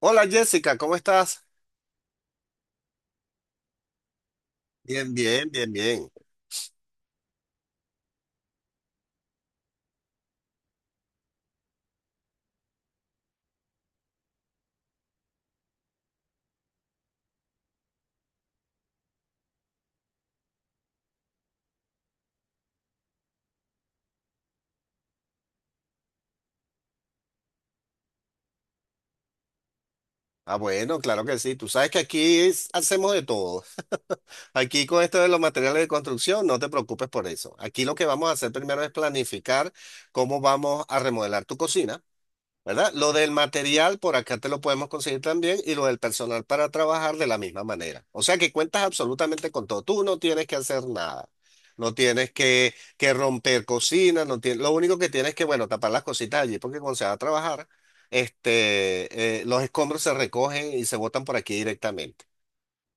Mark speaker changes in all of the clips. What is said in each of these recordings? Speaker 1: Hola Jessica, ¿cómo estás? Bien, bien, bien, bien. Bueno, claro que sí. Tú sabes que aquí hacemos de todo. Aquí con esto de los materiales de construcción, no te preocupes por eso. Aquí lo que vamos a hacer primero es planificar cómo vamos a remodelar tu cocina. ¿Verdad? Lo del material por acá te lo podemos conseguir también y lo del personal para trabajar de la misma manera. O sea que cuentas absolutamente con todo. Tú no tienes que hacer nada. No tienes que romper cocinas no tienes, lo único que tienes que, bueno, tapar las cositas allí porque cuando se va a trabajar, los escombros se recogen y se botan por aquí directamente.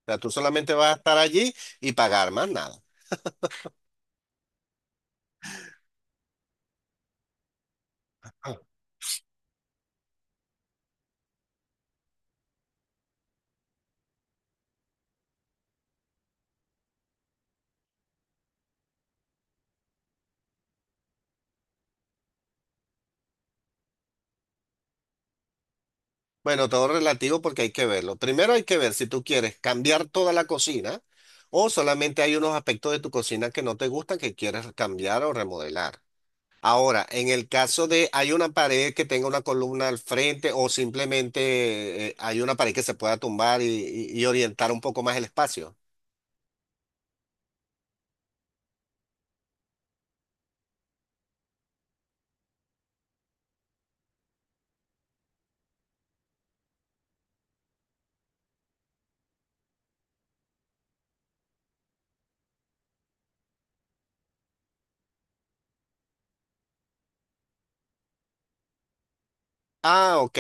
Speaker 1: O sea, tú solamente vas a estar allí y pagar más nada. Bueno, todo relativo porque hay que verlo. Primero hay que ver si tú quieres cambiar toda la cocina o solamente hay unos aspectos de tu cocina que no te gustan que quieres cambiar o remodelar. Ahora, en el caso de hay una pared que tenga una columna al frente o simplemente hay una pared que se pueda tumbar y orientar un poco más el espacio. Ah, ok.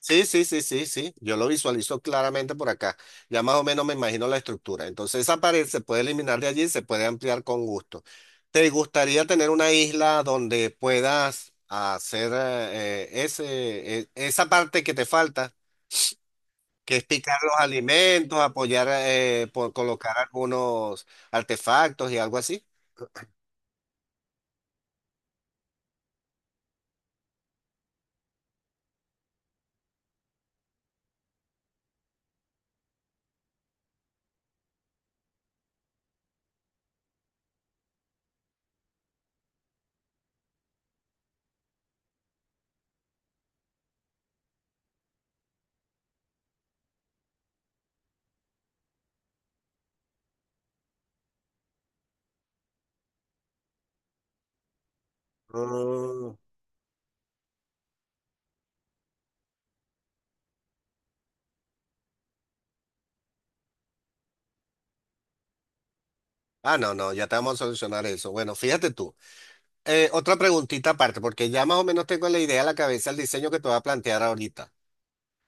Speaker 1: Sí, sí, sí, sí, sí. Yo lo visualizo claramente por acá. Ya más o menos me imagino la estructura. Entonces esa pared se puede eliminar de allí y se puede ampliar con gusto. ¿Te gustaría tener una isla donde puedas hacer esa parte que te falta, que es picar los alimentos, apoyar por colocar algunos artefactos y algo así? Mm. No, no, ya te vamos a solucionar eso. Bueno, fíjate tú. Otra preguntita aparte, porque ya más o menos tengo en la idea en la cabeza el diseño que te voy a plantear ahorita.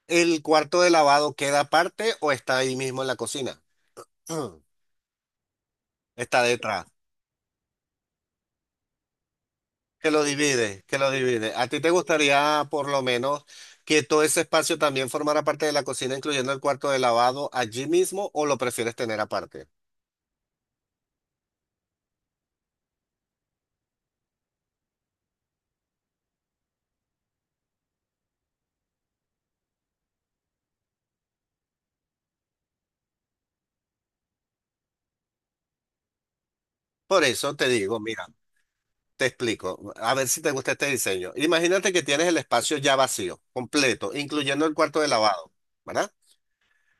Speaker 1: ¿El cuarto de lavado queda aparte o está ahí mismo en la cocina? Mm, Está detrás. Que lo divide, que lo divide. ¿A ti te gustaría por lo menos que todo ese espacio también formara parte de la cocina, incluyendo el cuarto de lavado allí mismo o lo prefieres tener aparte? Por eso te digo, mira, te explico, a ver si te gusta este diseño. Imagínate que tienes el espacio ya vacío, completo, incluyendo el cuarto de lavado, ¿verdad?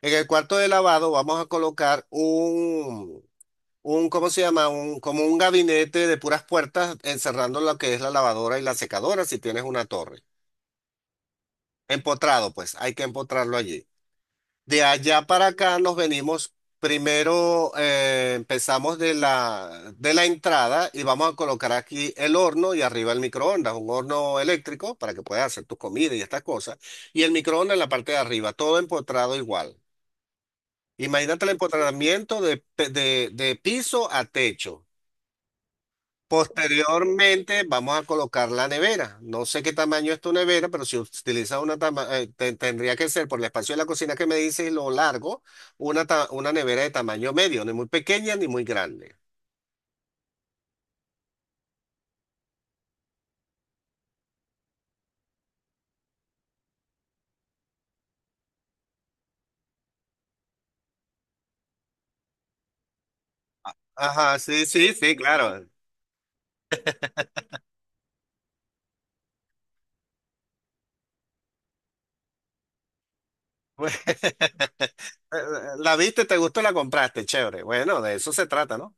Speaker 1: En el cuarto de lavado vamos a colocar ¿cómo se llama? Un, como un gabinete de puras puertas encerrando lo que es la lavadora y la secadora si tienes una torre. Empotrado, pues, hay que empotrarlo allí. De allá para acá nos venimos, primero empezamos de la entrada y vamos a colocar aquí el horno y arriba el microondas, un horno eléctrico para que puedas hacer tu comida y estas cosas. Y el microondas en la parte de arriba, todo empotrado igual. Imagínate el empotramiento de piso a techo. Posteriormente vamos a colocar la nevera. No sé qué tamaño es tu nevera, pero si utilizas una tendría que ser por el espacio de la cocina que me dices y lo largo, una nevera de tamaño medio, ni muy pequeña ni muy grande. Ajá, sí, sí, sí, claro. La viste, te gustó, la compraste, chévere. Bueno, de eso se trata, ¿no?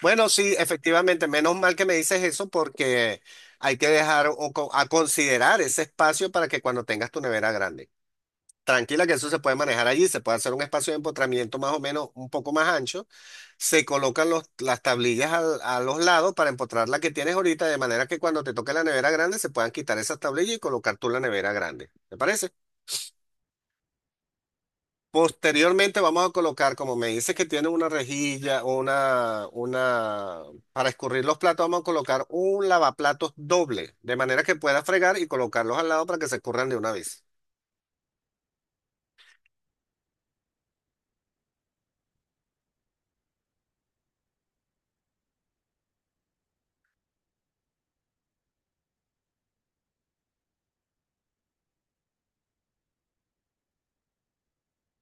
Speaker 1: Bueno, sí, efectivamente, menos mal que me dices eso porque hay que dejar o a considerar ese espacio para que cuando tengas tu nevera grande. Tranquila que eso se puede manejar allí, se puede hacer un espacio de empotramiento más o menos un poco más ancho. Se colocan las tablillas a los lados para empotrar la que tienes ahorita, de manera que cuando te toque la nevera grande se puedan quitar esas tablillas y colocar tú la nevera grande. ¿Te parece? Posteriormente vamos a colocar, como me dice que tiene una rejilla, para escurrir los platos, vamos a colocar un lavaplatos doble, de manera que pueda fregar y colocarlos al lado para que se escurran de una vez.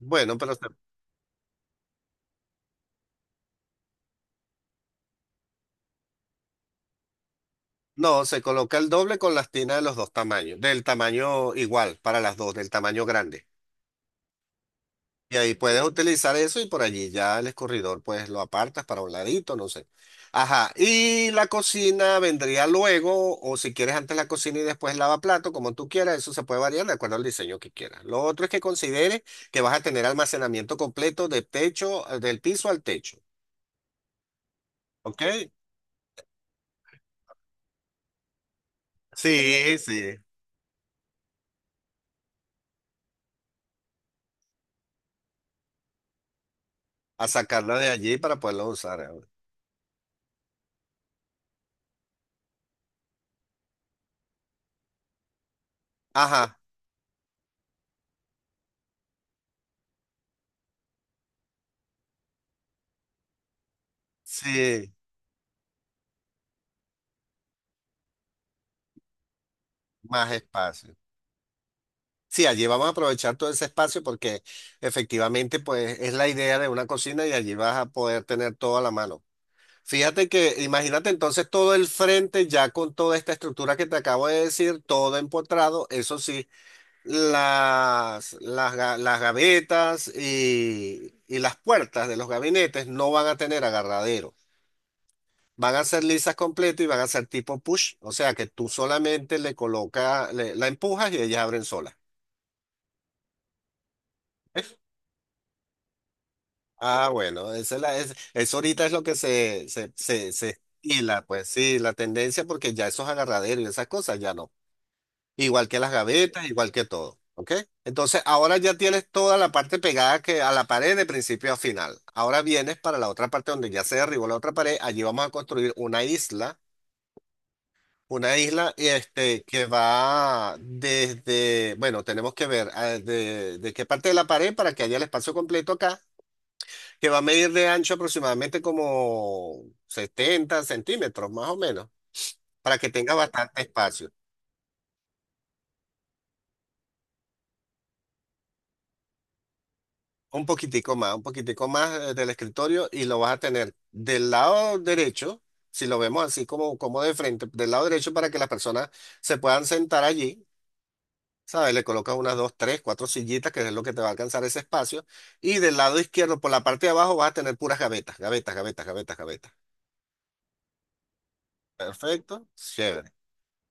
Speaker 1: Bueno, pero no, se coloca el doble con las tinas de los dos tamaños, del tamaño igual para las dos, del tamaño grande. Y ahí puedes utilizar eso y por allí ya el escurridor pues lo apartas para un ladito, no sé. Ajá, y la cocina vendría luego o si quieres antes la cocina y después lava como tú quieras, eso se puede variar de acuerdo al diseño que quieras. Lo otro es que consideres que vas a tener almacenamiento completo de techo, del piso al techo, ¿ok? Sí, sí. A sacarla de allí para poderla usar. Ajá, sí, más espacio. Sí, allí vamos a aprovechar todo ese espacio porque efectivamente pues es la idea de una cocina y allí vas a poder tener todo a la mano. Fíjate que imagínate entonces todo el frente ya con toda esta estructura que te acabo de decir, todo empotrado, eso sí, las gavetas y las puertas de los gabinetes no van a tener agarradero. Van a ser lisas completo y van a ser tipo push, o sea que tú solamente le colocas, la empujas y ellas abren solas. Bueno, esa eso ahorita es lo que se estila, pues sí, la tendencia, porque ya esos agarraderos y esas cosas ya no. Igual que las gavetas, igual que todo. ¿Ok? Entonces, ahora ya tienes toda la parte pegada que a la pared de principio a final. Ahora vienes para la otra parte donde ya se derribó la otra pared. Allí vamos a construir una isla este, que va desde, bueno, tenemos que ver de qué parte de la pared para que haya el espacio completo acá que va a medir de ancho aproximadamente como 70 centímetros, más o menos, para que tenga bastante espacio. Un poquitico más del escritorio y lo vas a tener del lado derecho, si lo vemos así como, como de frente, del lado derecho para que las personas se puedan sentar allí. ¿Sabes? Le colocas unas dos, tres, cuatro sillitas, que es lo que te va a alcanzar ese espacio. Y del lado izquierdo, por la parte de abajo, vas a tener puras gavetas, gavetas, gavetas, gavetas, gavetas. Perfecto. Chévere.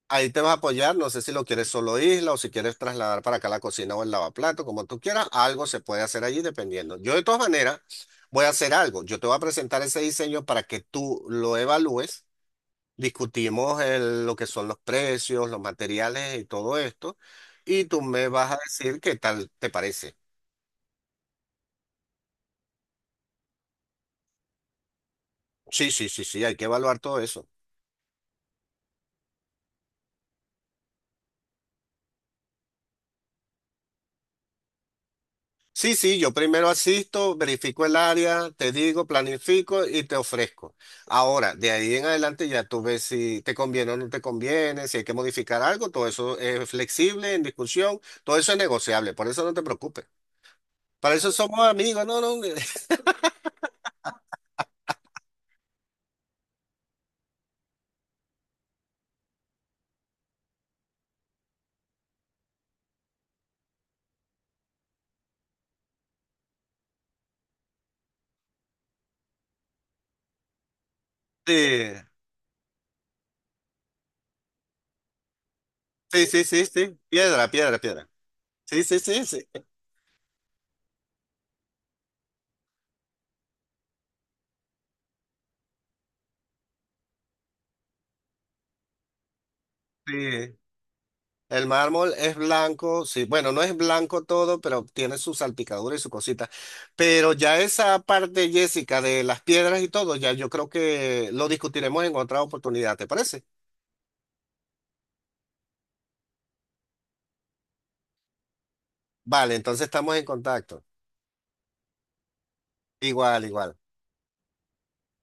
Speaker 1: Ahí te vas a apoyar, no sé si lo quieres solo isla o si quieres trasladar para acá la cocina o el lavaplato, como tú quieras, algo se puede hacer allí dependiendo. Yo de todas maneras voy a hacer algo, yo te voy a presentar ese diseño para que tú lo evalúes, discutimos lo que son los precios, los materiales y todo esto, y tú me vas a decir qué tal te parece. Sí, sí, sí, sí, hay que evaluar todo eso. Sí, sí, yo primero asisto, verifico el área, te digo, planifico y te ofrezco. Ahora, de ahí en adelante ya tú ves si te conviene o no te conviene, si hay que modificar algo, todo eso es flexible, en discusión, todo eso es negociable, por eso no te preocupes. Para eso somos amigos, no, no. Sí, sí, sí, sí, sí, piedra, piedra, piedra. Sí, sí, sí, sí. Sí. El mármol es blanco, sí, bueno, no es blanco todo, pero tiene su salpicadura y su cosita. Pero ya esa parte, Jessica, de las piedras y todo, ya yo creo que lo discutiremos en otra oportunidad, ¿te parece? Vale, entonces estamos en contacto. Igual, igual.